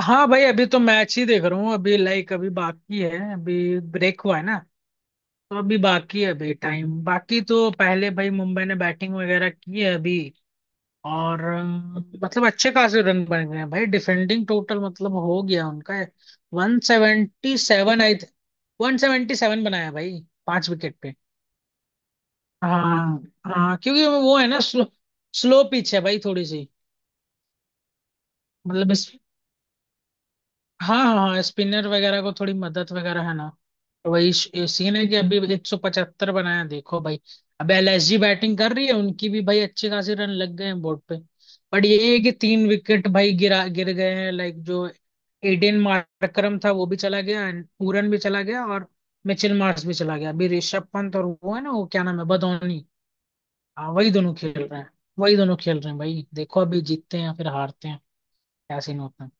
हाँ भाई, अभी तो मैच ही देख रहा हूँ। अभी लाइक अभी बाकी है। अभी ब्रेक हुआ है ना, तो अभी बाकी है। अभी टाइम बाकी। तो पहले भाई मुंबई ने बैटिंग वगैरह की है अभी। और मतलब अच्छे खासे रन बन गए हैं भाई। डिफेंडिंग टोटल मतलब हो गया उनका। 177 आई। 177 बनाया भाई, 5 विकेट पे। हाँ हाँ, क्योंकि वो है ना, स्लो, स्लो पिच है भाई थोड़ी सी। मतलब इस, हाँ हाँ हाँ, स्पिनर वगैरह को थोड़ी मदद वगैरह है ना। तो वही ये सीन है कि अभी 175 बनाया, देखो भाई। अब एलएसजी बैटिंग कर रही है। उनकी भी भाई अच्छे खासे रन लग गए हैं बोर्ड पे। बट ये है कि 3 विकेट भाई गिर गए हैं। लाइक, जो एडेन मार्करम था वो भी चला गया, and पूरन भी चला गया, और मिचेल मार्श भी चला गया। अभी ऋषभ पंत और वो है ना, वो क्या नाम है, बदोनी। हाँ, वही दोनों खेल रहे हैं। वही दोनों खेल रहे हैं भाई, देखो अभी जीतते हैं या फिर हारते हैं, क्या सीन होता है।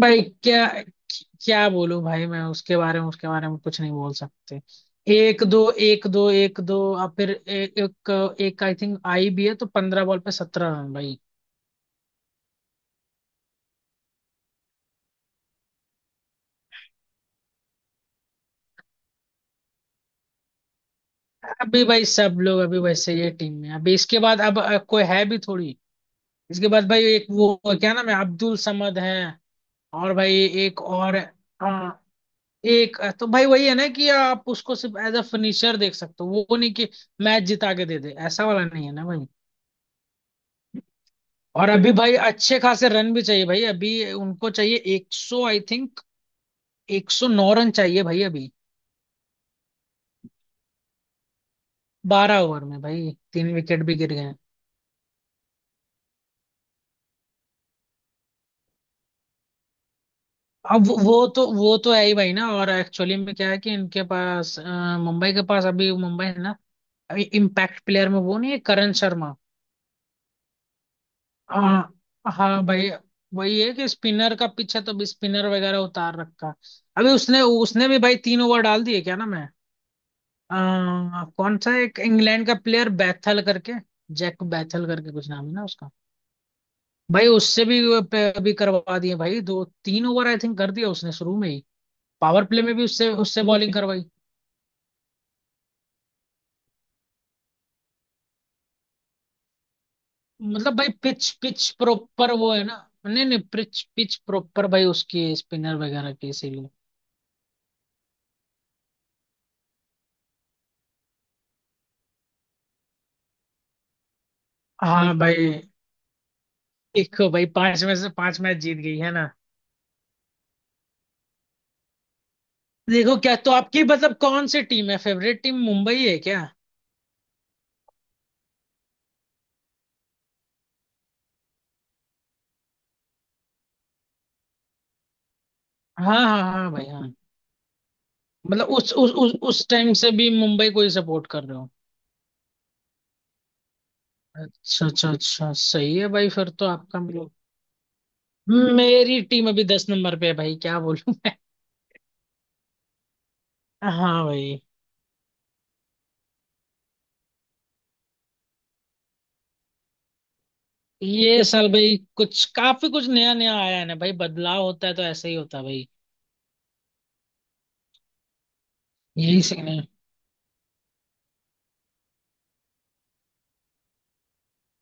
भाई क्या, क्या बोलूं भाई मैं उसके बारे में, उसके बारे में कुछ नहीं बोल सकते। एक दो, एक दो, एक दो और फिर एक एक, एक आई थिंक आई भी है, तो 15 बॉल पे 17 रन भाई। अभी भाई सब लोग अभी वैसे ही है टीम में। अभी इसके बाद अब कोई है भी थोड़ी। इसके बाद भाई एक वो, क्या नाम है, अब्दुल समद है। और भाई एक और। हाँ, एक तो भाई वही है ना कि आप उसको सिर्फ एज अ फिनिशर देख सकते हो, वो नहीं कि मैच जिता के दे दे, ऐसा वाला नहीं है ना भाई। और अभी भाई अच्छे खासे रन भी चाहिए भाई। अभी उनको चाहिए 100, आई थिंक 109 रन चाहिए भाई अभी। 12 ओवर में भाई तीन विकेट भी गिर गए हैं। अब वो तो है ही भाई ना। और एक्चुअली में क्या है कि इनके पास मुंबई के पास, अभी मुंबई है ना, इम्पैक्ट प्लेयर में वो नहीं है, करण शर्मा। हाँ हाँ भाई। वही है कि स्पिनर का पीछे तो भी स्पिनर वगैरह उतार रखा। अभी उसने उसने भी भाई 3 ओवर डाल दिए, क्या ना मैं, कौन सा एक इंग्लैंड का प्लेयर बैथल करके, जैक बैथल करके कुछ नाम है ना उसका। भाई उससे भी अभी करवा दिए भाई दो तीन ओवर, आई थिंक कर दिया उसने शुरू में ही। पावर प्ले में भी उससे उससे बॉलिंग करवाई। मतलब भाई पिच पिच प्रॉपर वो है ना। नहीं नहीं, पिच पिच प्रॉपर भाई उसकी, स्पिनर वगैरह की, इसीलिए। हाँ भाई। देखो भाई 5 में से 5 मैच जीत गई है ना। देखो क्या तो आपकी, मतलब कौन सी टीम है फेवरेट टीम, मुंबई है क्या? हाँ हाँ हाँ भाई हाँ। मतलब उस टाइम से भी मुंबई को ही सपोर्ट कर रहे हो। अच्छा अच्छा अच्छा, सही है भाई, फिर तो आपका मतलब। मेरी टीम अभी 10 नंबर पे है भाई, क्या बोलूं। हाँ भाई। ये साल भाई कुछ काफी कुछ नया नया आया है ना भाई, बदलाव होता है तो ऐसा ही होता है भाई। यही सीन है।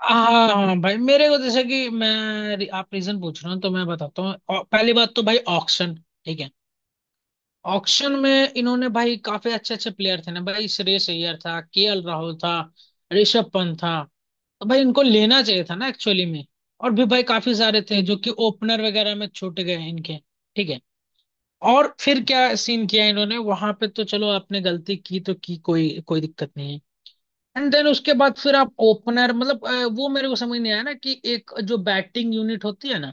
हाँ हाँ, भाई मेरे को जैसे कि मैं, आप रीजन पूछ रहे हो तो मैं बताता हूँ। पहली बात तो भाई ऑक्शन, ठीक है, ऑक्शन में इन्होंने भाई काफी अच्छे अच्छे प्लेयर थे ना भाई, श्रेयस अय्यर था, केएल राहुल था, ऋषभ पंत था। तो भाई उनको लेना चाहिए था ना एक्चुअली में। और भी भाई काफी सारे थे जो कि ओपनर वगैरह में छूट गए इनके, ठीक है। और फिर क्या सीन किया इन्होंने वहां पे, तो चलो आपने गलती की तो की, कोई कोई दिक्कत नहीं है। एंड देन उसके बाद फिर आप ओपनर मतलब वो मेरे को समझ नहीं आया ना कि एक जो बैटिंग यूनिट होती है ना,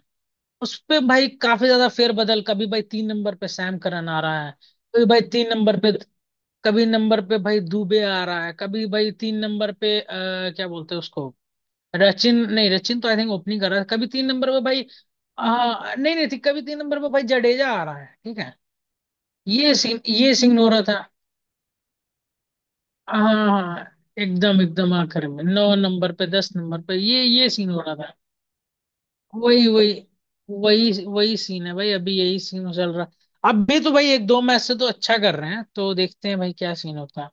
उस पे भाई काफी ज्यादा फेरबदल। कभी भाई 3 नंबर पे सैम करन आ रहा है, कभी भाई तीन नंबर पे, कभी नंबर पे भाई दुबे आ रहा है, कभी भाई तीन नंबर पे क्या बोलते हैं उसको, रचिन, नहीं रचिन तो आई थिंक ओपनिंग कर रहा है, कभी तीन नंबर पे भाई नहीं नहीं ठीक, कभी तीन नंबर पे भाई जडेजा आ रहा है, ठीक है। ये सीन, ये सीन हो रहा था। हाँ हाँ, एकदम एकदम आखिर में 9 नंबर पे, 10 नंबर पे ये सीन हो रहा था। वही वही वही वही सीन है भाई, अभी यही सीन चल रहा। अभी तो भाई एक दो मैच से तो अच्छा कर रहे हैं, तो देखते हैं भाई क्या सीन होता है।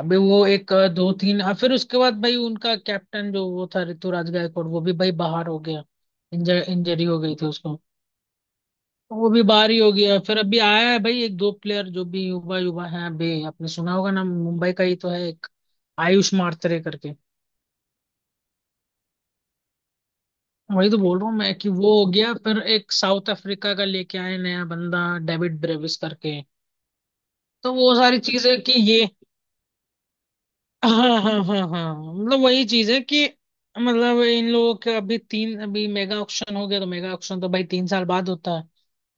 अभी वो एक दो तीन फिर उसके बाद भाई उनका कैप्टन जो वो था ऋतुराज गायकवाड़, वो भी भाई बाहर हो गया। इंजरी हो गई थी उसको। वो भी बाहर ही हो गया। फिर अभी आया है भाई एक दो प्लेयर जो भी युवा युवा हैं, अभी आपने सुना होगा ना, मुंबई का ही तो है एक, आयुष मात्रे करके। वही तो बोल रहा हूँ मैं कि वो हो गया, फिर एक साउथ अफ्रीका का लेके आए नया बंदा, डेविड ब्रेविस करके। तो वो सारी चीजें कि ये, हाँ हाँ हाँ हाँ, मतलब वही चीज है कि, मतलब इन लोगों का अभी तीन, अभी मेगा ऑक्शन हो गया, तो मेगा ऑक्शन तो भाई 3 साल बाद होता है।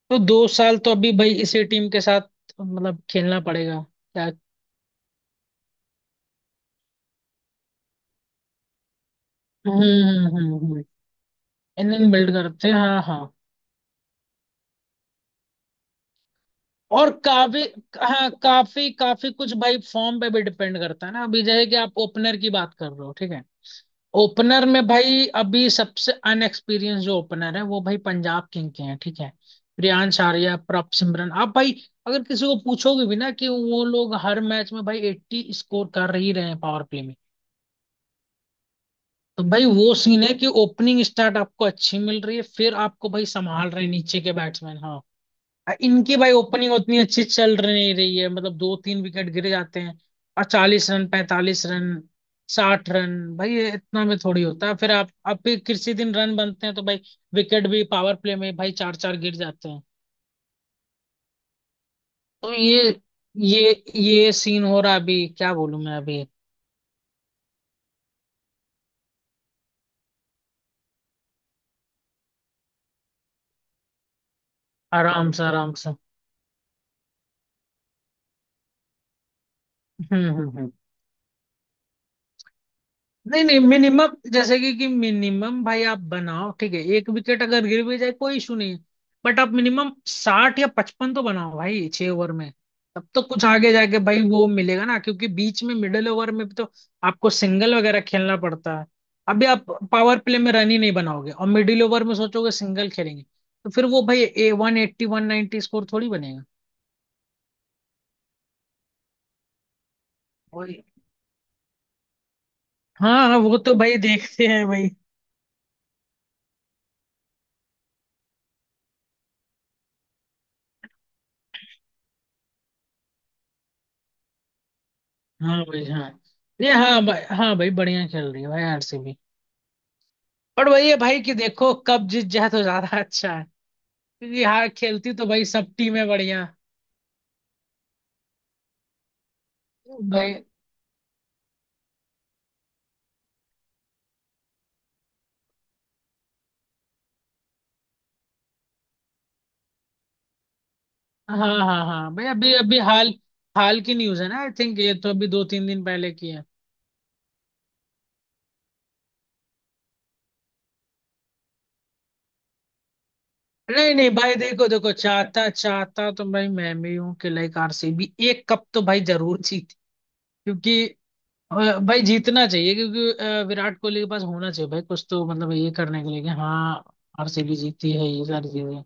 तो 2 साल तो अभी भाई इसी टीम के साथ मतलब खेलना पड़ेगा, क्या। हम्म, इंजन बिल्ड करते हैं, हाँ हाँ। और काफी, हाँ काफी काफी कुछ भाई फॉर्म पे भी डिपेंड करता है ना, अभी जैसे कि आप ओपनर की बात कर रहे हो, ठीक है। ओपनर में भाई अभी सबसे अनएक्सपीरियंस जो ओपनर है वो भाई पंजाब किंग के हैं, ठीक है, प्रियांश आर्या, प्रभ सिमरन। आप भाई अगर किसी को पूछोगे भी ना कि वो लोग हर मैच में भाई 80 स्कोर कर ही रहे हैं पावर प्ले में, तो भाई वो सीन है कि ओपनिंग स्टार्ट आपको अच्छी मिल रही है, फिर आपको भाई संभाल रहे हैं नीचे के बैट्समैन। इनकी भाई ओपनिंग उतनी अच्छी चल रही नहीं रही है, मतलब दो तीन विकेट गिरे जाते हैं, और 40 रन, 45 रन, 60 रन भाई ये इतना में थोड़ी होता है, फिर आप भी किसी दिन रन बनते हैं तो भाई विकेट भी पावर प्ले में भाई चार चार गिर जाते हैं। तो ये ये सीन हो रहा है अभी, क्या बोलूं मैं अभी। आराम से आराम से, हम्म। नहीं नहीं, मिनिमम जैसे कि मिनिमम भाई आप बनाओ, ठीक है, एक विकेट अगर गिर भी जाए कोई इशू नहीं है, बट आप मिनिमम 60 या 55 तो बनाओ भाई 6 ओवर में। तब तो कुछ आगे जाके भाई वो मिलेगा ना, क्योंकि बीच में मिडिल ओवर में भी तो आपको सिंगल वगैरह खेलना पड़ता है। अभी आप पावर प्ले में रन ही नहीं बनाओगे और मिडिल ओवर में सोचोगे सिंगल खेलेंगे, तो फिर वो भाई 180 190 स्कोर थोड़ी बनेगा। वही, हाँ हाँ, वो तो भाई देखते हैं भाई, हाँ भाई हाँ। ये हाँ भाई, हाँ भाई बढ़िया चल रही है भाई आरसीबी। पर वही है भाई कि देखो कब जीत जाए तो ज्यादा अच्छा है, क्योंकि हार खेलती तो भाई सब टीमें बढ़िया। भाई, हाँ हाँ हाँ भाई, अभी अभी हाल, हाल की न्यूज है ना आई थिंक, ये तो अभी 2 3 दिन पहले की है। नहीं नहीं भाई, देखो देखो चाहता चाहता तो भाई मैं भी हूँ कि लाइक आरसीबी एक कप तो भाई जरूर जीते, क्योंकि, और भाई जीतना चाहिए क्योंकि विराट कोहली के पास होना चाहिए भाई कुछ तो, मतलब ये करने के लिए कि हाँ आरसीबी जीती है, ये सारी चीजें।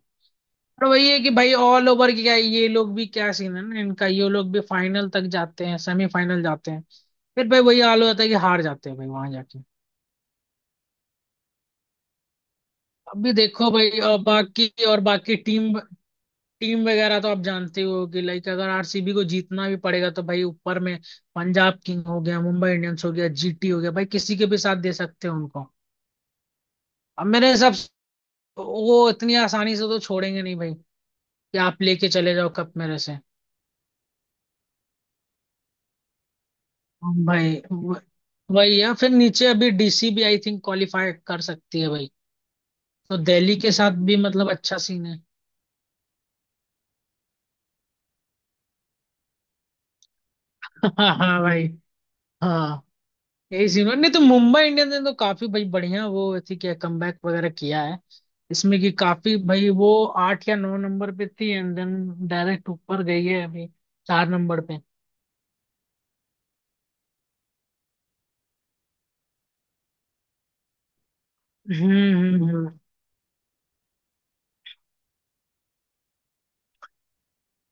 पर वही है कि भाई ऑल ओवर की क्या, ये लोग भी क्या सीन है ना इनका, ये लोग भी फाइनल तक जाते हैं, सेमीफाइनल जाते हैं, फिर भाई वही हाल हो जाता है कि हार जाते हैं भाई वहां जाके। अभी देखो भाई बाकी और बाकी टीम, टीम वगैरह तो आप जानते ही हो कि लाइक अगर आरसीबी को जीतना भी पड़ेगा तो भाई ऊपर में पंजाब किंग हो गया, मुंबई इंडियंस हो गया, जीटी हो गया, भाई किसी के भी साथ दे सकते हैं उनको। अब मेरे हिसाब, तो वो इतनी आसानी से तो छोड़ेंगे नहीं भाई कि आप लेके चले जाओ कप मेरे से। हम भाई वही है, फिर नीचे अभी डीसी भी आई थिंक क्वालिफाई कर सकती है भाई, तो दिल्ली के साथ भी मतलब अच्छा सीन है। हाँ भाई हाँ। यही सीन है, नहीं तो मुंबई इंडियंस ने तो काफी भाई बढ़िया, वो थी क्या, कमबैक वगैरह किया है इसमें, कि काफी भाई वो 8 या 9 नंबर पे थी, एंड देन डायरेक्ट ऊपर गई है अभी 4 नंबर पे। हम्म हम्म, हम्म।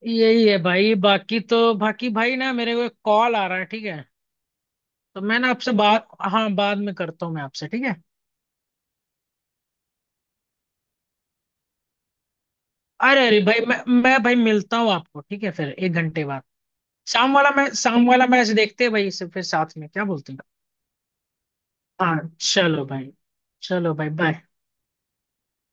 यही है भाई। बाकी तो बाकी भाई, ना मेरे को एक कॉल आ रहा है, ठीक है, तो मैं ना आपसे बात, हाँ बाद में करता हूँ मैं आपसे, ठीक है। अरे अरे भाई मैं भाई मिलता हूँ आपको, ठीक है, फिर 1 घंटे बाद। शाम वाला मैं शाम वाला मैच देखते हैं भाई इसे फिर साथ में, क्या बोलते हैं, हाँ। चलो भाई। चलो भाई बाय।